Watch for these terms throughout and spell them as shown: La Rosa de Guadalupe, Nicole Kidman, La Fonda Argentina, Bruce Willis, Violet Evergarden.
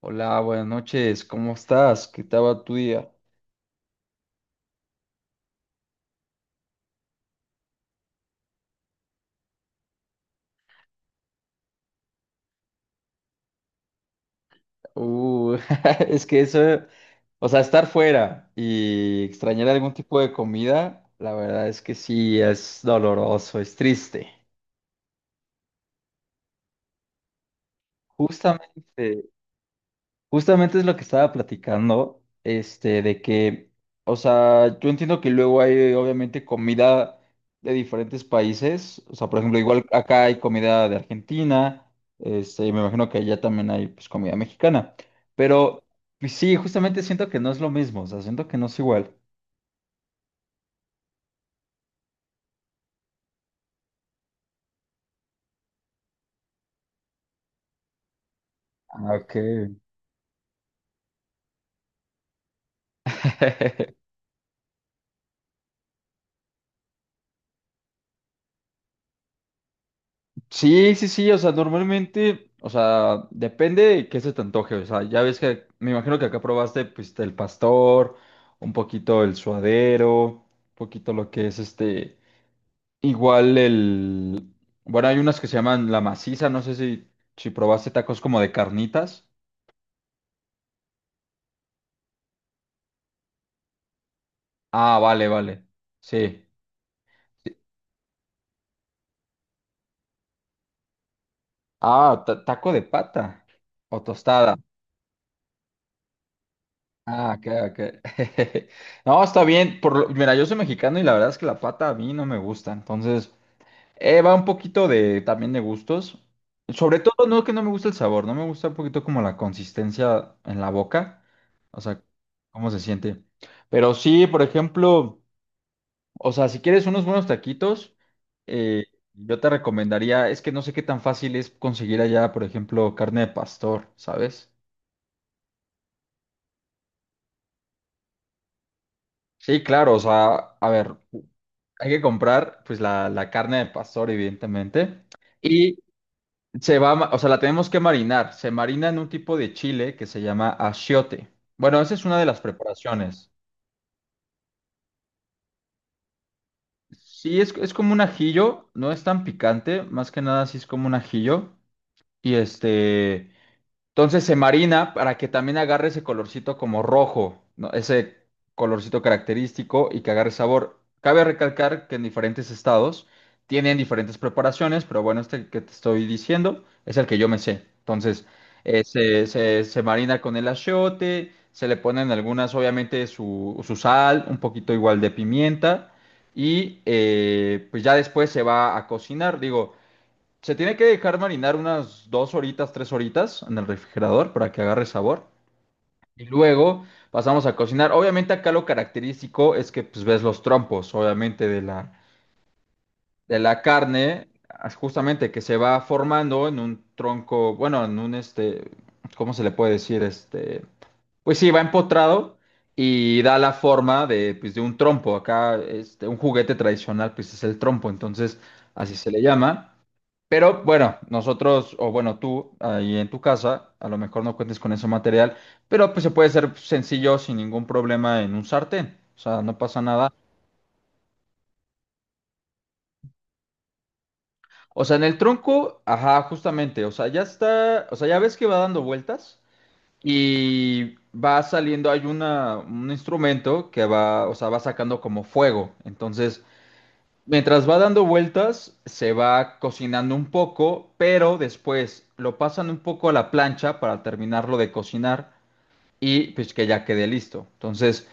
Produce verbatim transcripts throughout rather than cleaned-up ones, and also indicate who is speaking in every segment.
Speaker 1: Hola, buenas noches, ¿cómo estás? ¿Qué tal va tu día? Uh, es que eso, o sea, estar fuera y extrañar algún tipo de comida, la verdad es que sí, es doloroso, es triste. Justamente, Justamente es lo que estaba platicando, este, de que, o sea, yo entiendo que luego hay obviamente comida de diferentes países, o sea, por ejemplo, igual acá hay comida de Argentina, este, y me imagino que allá también hay pues comida mexicana, pero pues, sí, justamente siento que no es lo mismo, o sea, siento que no es igual. Ah, ok. Sí, sí, sí, o sea, normalmente, o sea, depende de qué se te antoje, o sea, ya ves que me imagino que acá probaste pues el pastor, un poquito el suadero, un poquito lo que es este, igual el, bueno, hay unas que se llaman la maciza, no sé si, si probaste tacos como de carnitas. Ah, vale, vale, sí. Sí. Ah, ta- taco de pata o tostada. Ah, ok, ok. No, está bien. Por, lo- mira, yo soy mexicano y la verdad es que la pata a mí no me gusta. Entonces, eh, va un poquito de también de gustos. Sobre todo, no que no me gusta el sabor, no me gusta un poquito como la consistencia en la boca. O sea, cómo se siente. Pero sí, por ejemplo, o sea, si quieres unos buenos taquitos, eh, yo te recomendaría, es que no sé qué tan fácil es conseguir allá, por ejemplo, carne de pastor, ¿sabes? Sí, claro, o sea, a ver, hay que comprar pues la, la carne de pastor, evidentemente, y se va, a ma- o sea, la tenemos que marinar. Se marina en un tipo de chile que se llama achiote. Bueno, esa es una de las preparaciones. Sí, es, es como un ajillo, no es tan picante, más que nada sí es como un ajillo. Y este, Entonces se marina para que también agarre ese colorcito como rojo, ¿no? Ese colorcito característico y que agarre sabor. Cabe recalcar que en diferentes estados tienen diferentes preparaciones, pero bueno, este que te estoy diciendo es el que yo me sé. Entonces, eh, se, se- se marina con el achiote, se le ponen algunas, obviamente, su, su sal, un poquito igual de pimienta, y eh, pues ya después se va a cocinar. Digo, se tiene que dejar marinar unas dos horitas, tres horitas en el refrigerador para que agarre sabor. Y luego pasamos a cocinar. Obviamente acá lo característico es que pues, ves los trompos, obviamente, de la, de la carne, as- justamente que se va formando en un tronco, bueno, en un este, ¿cómo se le puede decir? Este, pues sí, va empotrado y da la forma de, pues, de un trompo. Acá, este, un juguete tradicional, pues es el trompo, entonces así se le llama. Pero bueno, nosotros, o bueno, tú ahí en tu casa, a lo mejor no cuentes con ese material, pero pues se puede hacer sencillo sin ningún problema en un sartén, o sea, no pasa nada. O sea, en el tronco, ajá, justamente, o sea, ya está, o sea, ya ves que va dando vueltas y va saliendo, hay una, un instrumento que va, o sea, va sacando como fuego, entonces. Mientras va dando vueltas, se va cocinando un poco, pero después lo pasan un poco a la plancha para terminarlo de cocinar. Y pues que ya quede listo. Entonces,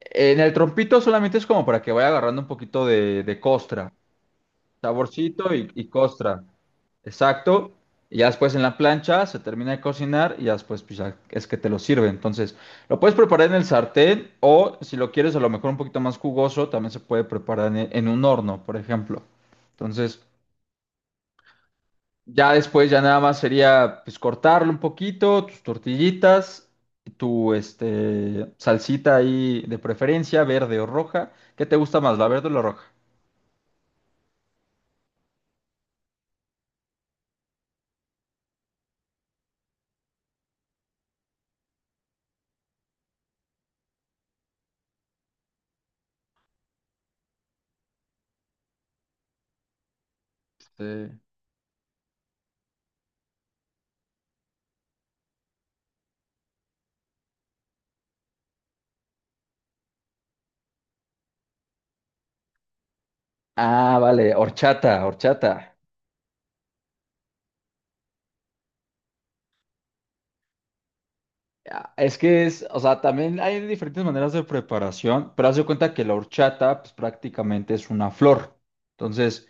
Speaker 1: en el trompito solamente es como para que vaya agarrando un poquito de, de costra, saborcito y, y costra. Exacto. Y ya después en la plancha se termina de cocinar y ya después pues, ya es que te lo sirve. Entonces, lo puedes preparar en el sartén o si lo quieres a lo mejor un poquito más jugoso, también se puede preparar en, en un horno, por ejemplo. Entonces, ya después ya nada más sería pues cortarlo un poquito, tus tortillitas, tu este salsita ahí de preferencia, verde o roja. ¿Qué te gusta más, la verde o la roja? Este, Ah, vale, horchata, horchata. Ah, es que es, o sea, también hay diferentes maneras de preparación, pero haz de cuenta que la horchata pues prácticamente es una flor. Entonces,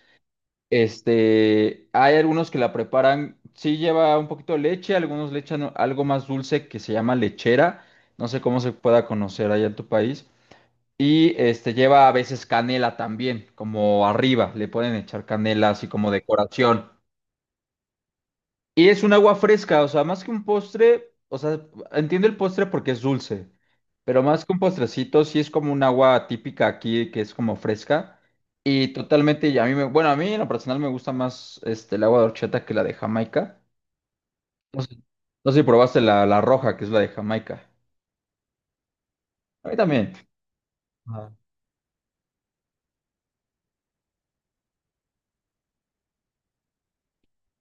Speaker 1: Este, hay algunos que la preparan, sí lleva un poquito de leche, algunos le echan algo más dulce que se llama lechera, no sé cómo se pueda conocer allá en tu país. Y este lleva a veces canela también, como arriba, le pueden echar canela así como decoración. Y es un agua fresca, o sea, más que un postre, o sea, entiendo el postre porque es dulce, pero más que un postrecito, sí es como un agua típica aquí que es como fresca y totalmente, y a mí me, bueno, a mí en lo personal me gusta más este, el agua de horchata que la de Jamaica. No sé, no sé si probaste la, la roja, que es la de Jamaica. A mí también. Ah.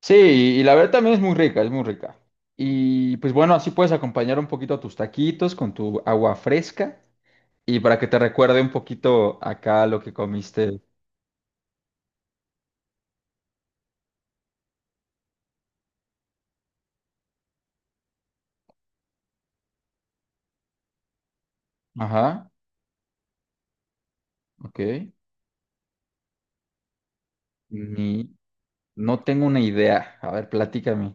Speaker 1: Sí, y la verdad también es muy rica, es muy rica. Y pues bueno, así puedes acompañar un poquito a tus taquitos con tu agua fresca. Y para que te recuerde un poquito acá lo que comiste. Ajá, ok. Ni, No tengo una idea. A ver, platícame.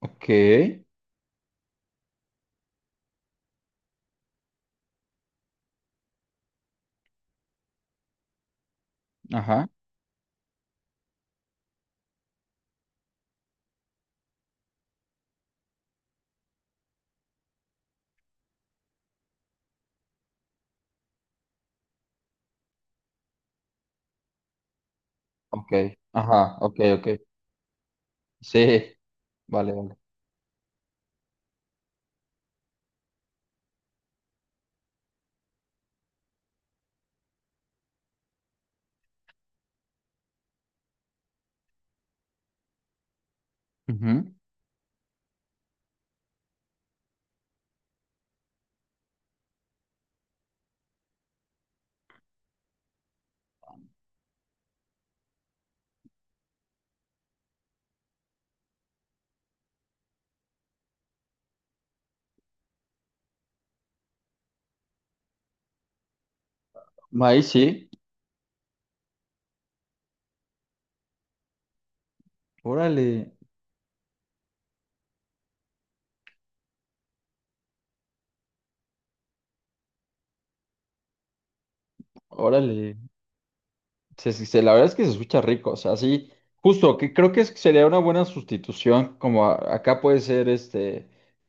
Speaker 1: Ok, ajá, ok, ajá, ok, ok. Sí, vale, vale. Ujú. Maíz, sí. Órale, órale. Sí, sí, sí, la verdad es que se escucha rico, o sea, sí, justo, que creo que es- sería una buena sustitución, como a- acá puede ser, este,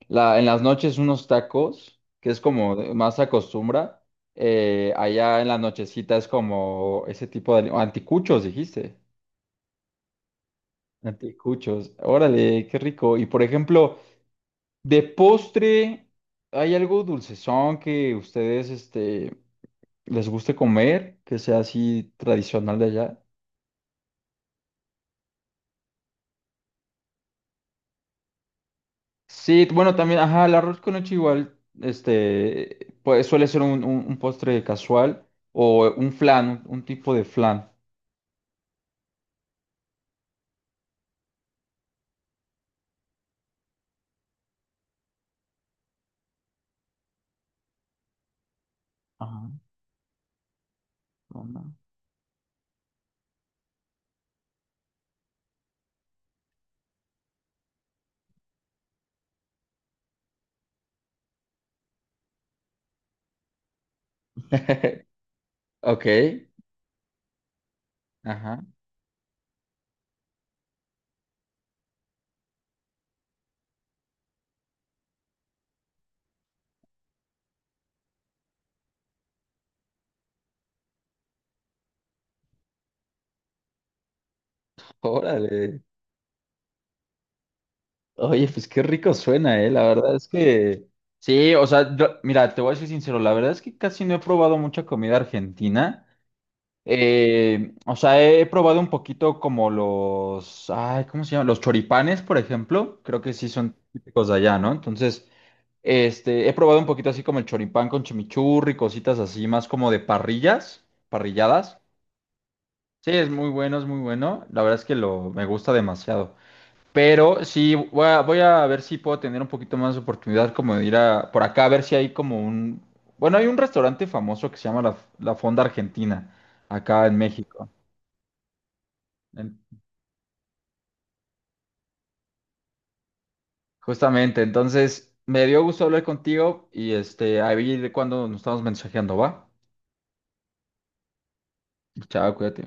Speaker 1: la, en las noches unos tacos, que es como de- más acostumbra, eh, allá en la nochecita es como ese tipo de, anticuchos, dijiste, anticuchos, órale, qué rico, y por ejemplo, de postre, ¿hay algo dulcezón que ustedes, este, les guste comer, que sea así tradicional de allá? Sí, bueno, también, ajá, el arroz con leche igual, este, pues suele ser un, un- un postre casual o un flan, un, un tipo de flan. Ajá, onda. Ok, ajá, órale. Oye, pues qué rico suena, eh, la verdad es que, sí, o sea, yo- mira, te voy a ser sincero, la verdad es que casi no he probado mucha comida argentina. Eh, o sea, he probado un poquito como los, ay, ¿cómo se llama? Los choripanes, por ejemplo, creo que sí son típicos de allá, ¿no? Entonces. Este, he probado un poquito así como el choripán con chimichurri, cositas así, más como de parrillas, parrilladas. Sí, es muy bueno, es muy bueno. La verdad es que lo, me gusta demasiado. Pero sí, voy a, voy a ver si puedo tener un poquito más de oportunidad como de ir a, por acá a ver si hay como un. Bueno, hay un restaurante famoso que se llama La, La Fonda Argentina, acá en México. En- Justamente, entonces me dio gusto hablar contigo y este, ahí cuando nos estamos mensajeando, ¿va? Chao, cuídate.